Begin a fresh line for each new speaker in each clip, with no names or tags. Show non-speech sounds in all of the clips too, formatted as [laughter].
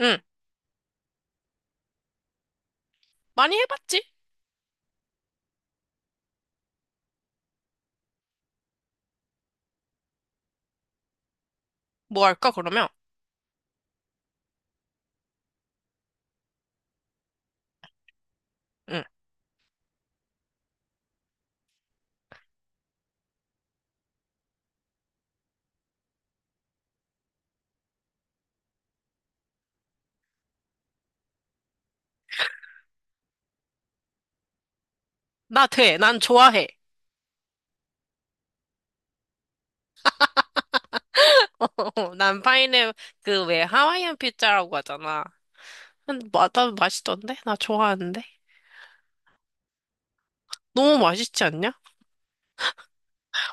응, 많이 해봤지? 뭐 할까, 그러면? 응, 나 돼. 난 좋아해. [laughs] 난 파인애플, 그 왜 하와이안 피자라고 하잖아. 근데 마, 나 맛있던데? 나 좋아하는데? 너무 맛있지 않냐?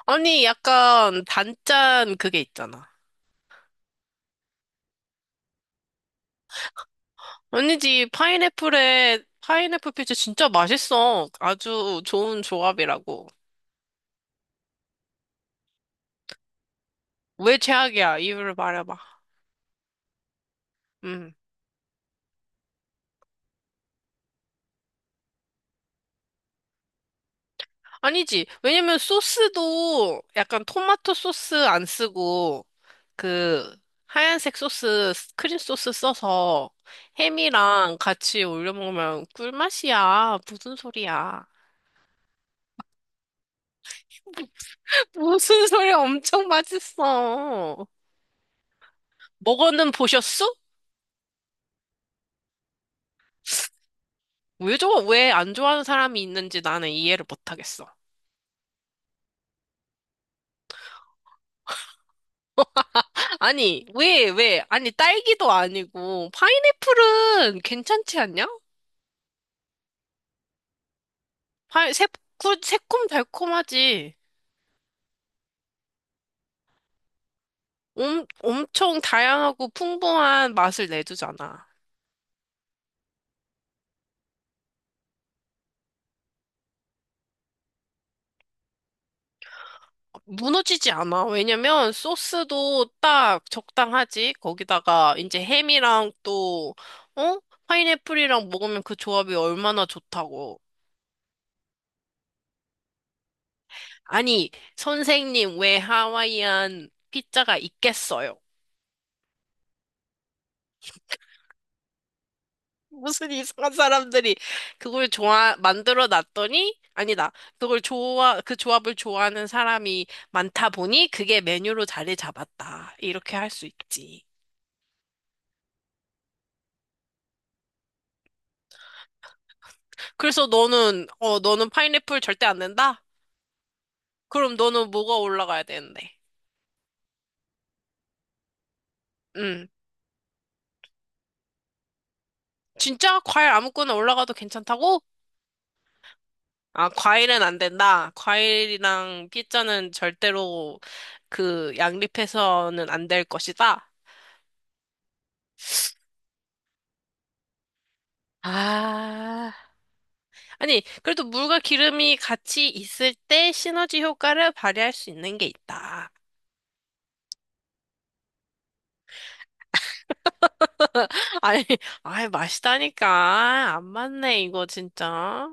아니, 약간 단짠 그게 있잖아. 아니지, 파인애플에, 파인애플 피자 진짜 맛있어. 아주 좋은 조합이라고. 왜 최악이야? 이유를 말해봐. 응. 아니지. 왜냐면 소스도 약간 토마토 소스 안 쓰고 그 하얀색 소스, 크림 소스 써서 햄이랑 같이 올려 먹으면 꿀맛이야. 무슨 소리야? [laughs] 무슨 소리야? 엄청 맛있어. 먹어는 보셨어? 왜 저거 왜 안 좋아하는 사람이 있는지 나는 이해를 못하겠어. 아니, 왜, 왜? 아니, 딸기도 아니고 파인애플은 괜찮지 않냐? 파 새콤, 새콤달콤하지. 엄청 다양하고 풍부한 맛을 내주잖아. 무너지지 않아. 왜냐면 소스도 딱 적당하지. 거기다가 이제 햄이랑 또, 어? 파인애플이랑 먹으면 그 조합이 얼마나 좋다고. 아니, 선생님, 왜 하와이안 피자가 있겠어요? 무슨 이상한 사람들이 그걸 좋아, 만들어 놨더니, 아니다. 그걸 좋아, 그 조합을 좋아하는 사람이 많다 보니 그게 메뉴로 자리 잡았다. 이렇게 할 수 있지. 그래서 너는, 어, 너는 파인애플 절대 안 된다? 그럼 너는 뭐가 올라가야 되는데? 음. 진짜? 과일 아무거나 올라가도 괜찮다고? 아, 과일은 안 된다. 과일이랑 피자는 절대로 그 양립해서는 안 될 것이다. 아. 아니, 그래도 물과 기름이 같이 있을 때 시너지 효과를 발휘할 수 있는 게 있다. [laughs] 아니, 아이, 맛있다니까. 안 맞네, 이거 진짜.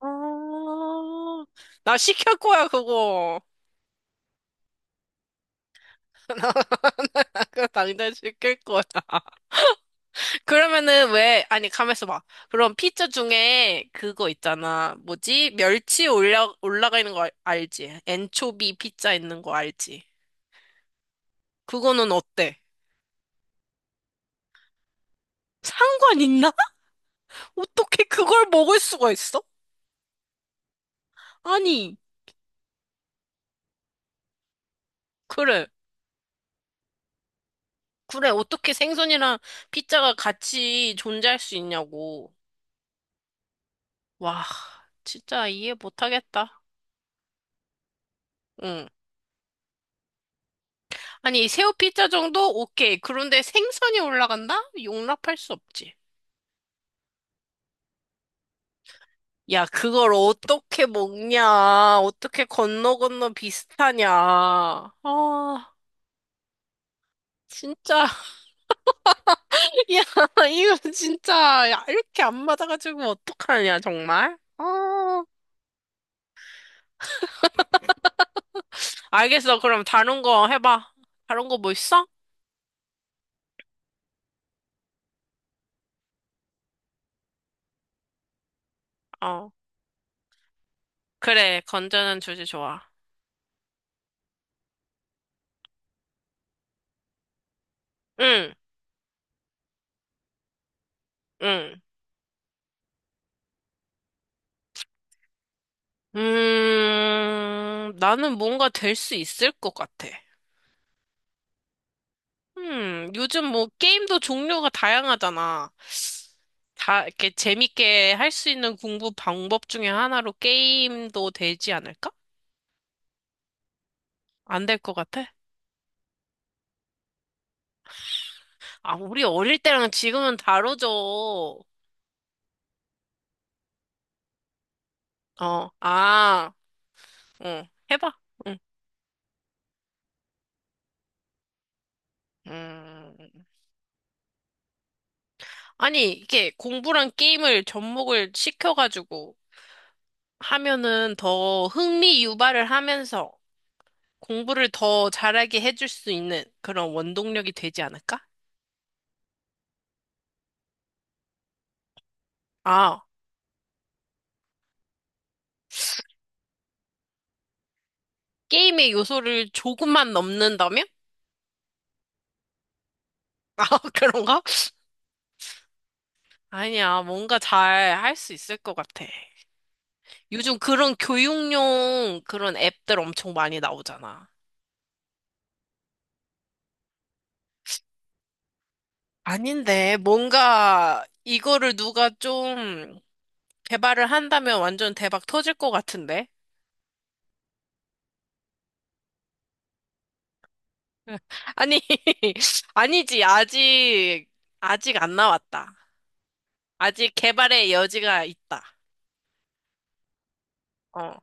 어, 나 시킬 거야, 그거. [laughs] 나 그거 당장 시킬 거야. 그러면은 왜, 아니, 가만있어 봐. 그럼 피자 중에 그거 있잖아. 뭐지? 멸치 올라, 올라가 있는 거 알지? 엔초비 피자 있는 거 알지? 그거는 어때? 상관 있나? 어떻게 그걸 먹을 수가 있어? 아니, 그래. 그래. 어떻게 생선이랑 피자가 같이 존재할 수 있냐고. 와, 진짜 이해 못하겠다. 응. 아니, 새우 피자 정도? 오케이. 그런데 생선이 올라간다? 용납할 수 없지. 야, 그걸 어떻게 먹냐? 어떻게 건너 건너 비슷하냐? 아, 진짜. [laughs] 야, 이거 진짜. 야, 이렇게 안 맞아가지고 어떡하냐, 정말? 아. 알겠어. 그럼 다른 거 해봐. 다른 거 뭐 있어? 어. 그래. 건전한 주제 좋아. 응, 응. 나는 뭔가 될 수 있을 것 같아. 요즘 뭐 게임도 종류가 다양하잖아. 다 이렇게 재밌게 할 수 있는 공부 방법 중에 하나로 게임도 되지 않을까? 안 될 것 같아? 아, 우리 어릴 때랑 지금은 다르죠. 어, 아, 응, 해봐. 응. 음. 아니, 이게 공부랑 게임을 접목을 시켜가지고 하면은 더 흥미 유발을 하면서 공부를 더 잘하게 해줄 수 있는 그런 원동력이 되지 않을까? 아, 게임의 요소를 조금만 넘는다면? [laughs] 아, 그런가? 아니야, 뭔가 잘 할 수 있을 것 같아. 요즘 그런 교육용 그런 앱들 엄청 많이 나오잖아. 아닌데, 뭔가 이거를 누가 좀 개발을 한다면 완전 대박 터질 것 같은데? 아니, [laughs] 아니지. 아직, 아직 안 나왔다. 아직 개발의 여지가 있다. 어,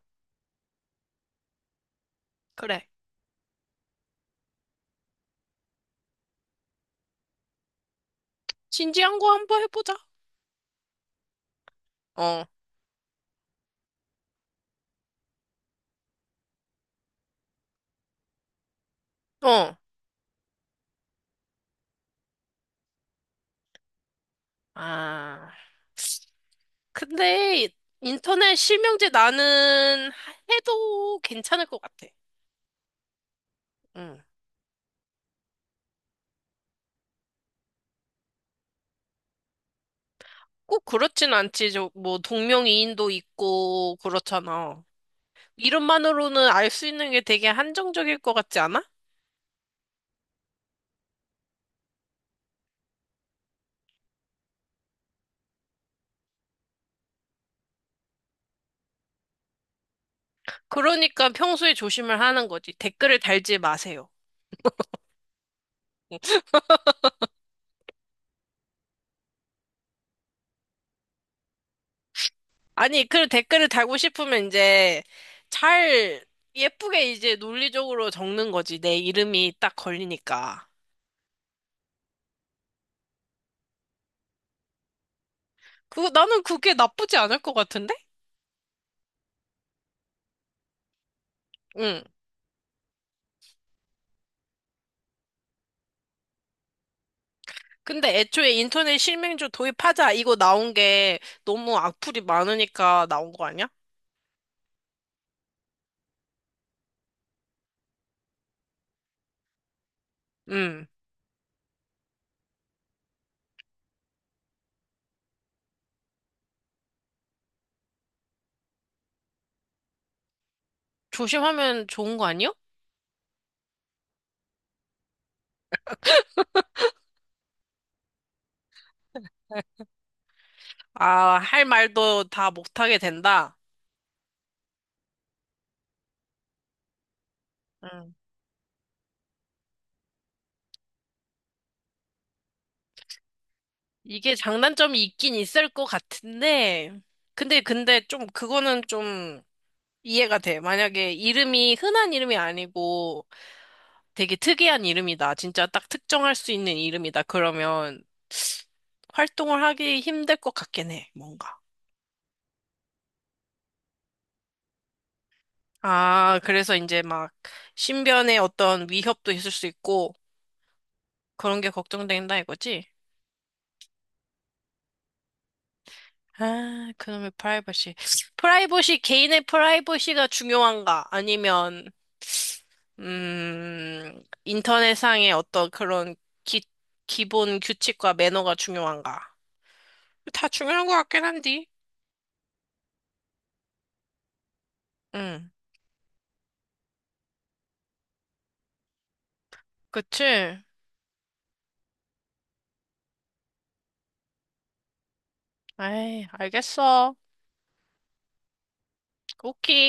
그래. 진지한 거 한번 해보자. 어, 어. 아, 근데 인터넷 실명제 나는 해도 괜찮을 것 같아. 응. 꼭 그렇진 않지. 저, 뭐, 동명이인도 있고, 그렇잖아. 이름만으로는 알 수 있는 게 되게 한정적일 것 같지 않아? 그러니까 평소에 조심을 하는 거지. 댓글을 달지 마세요. 아니, 그 댓글을 달고 싶으면 이제 잘 예쁘게 이제 논리적으로 적는 거지. 내 이름이 딱 걸리니까. 그 나는 그게 나쁘지 않을 것 같은데? 응. 근데 애초에 인터넷 실명조 도입하자 이거 나온 게 너무 악플이 많으니까 나온 거 아니야? 응. 조심하면 좋은 거 아니요? 아, 할 말도 다 못하게 된다. 응. 이게 장단점이 있긴 있을 것 같은데, 근데 좀, 그거는 좀 이해가 돼. 만약에 이름이 흔한 이름이 아니고 되게 특이한 이름이다. 진짜 딱 특정할 수 있는 이름이다. 그러면 활동을 하기 힘들 것 같긴 해, 뭔가. 아, 그래서 이제 막 신변에 어떤 위협도 있을 수 있고 그런 게 걱정된다 이거지? 아, 그놈의 프라이버시. 프라이버시, 개인의 프라이버시가 중요한가? 아니면, 인터넷상의 어떤 그런 기, 기본 규칙과 매너가 중요한가? 다 중요한 것 같긴 한디. 응, 그치? 에이, 알겠어. 오키.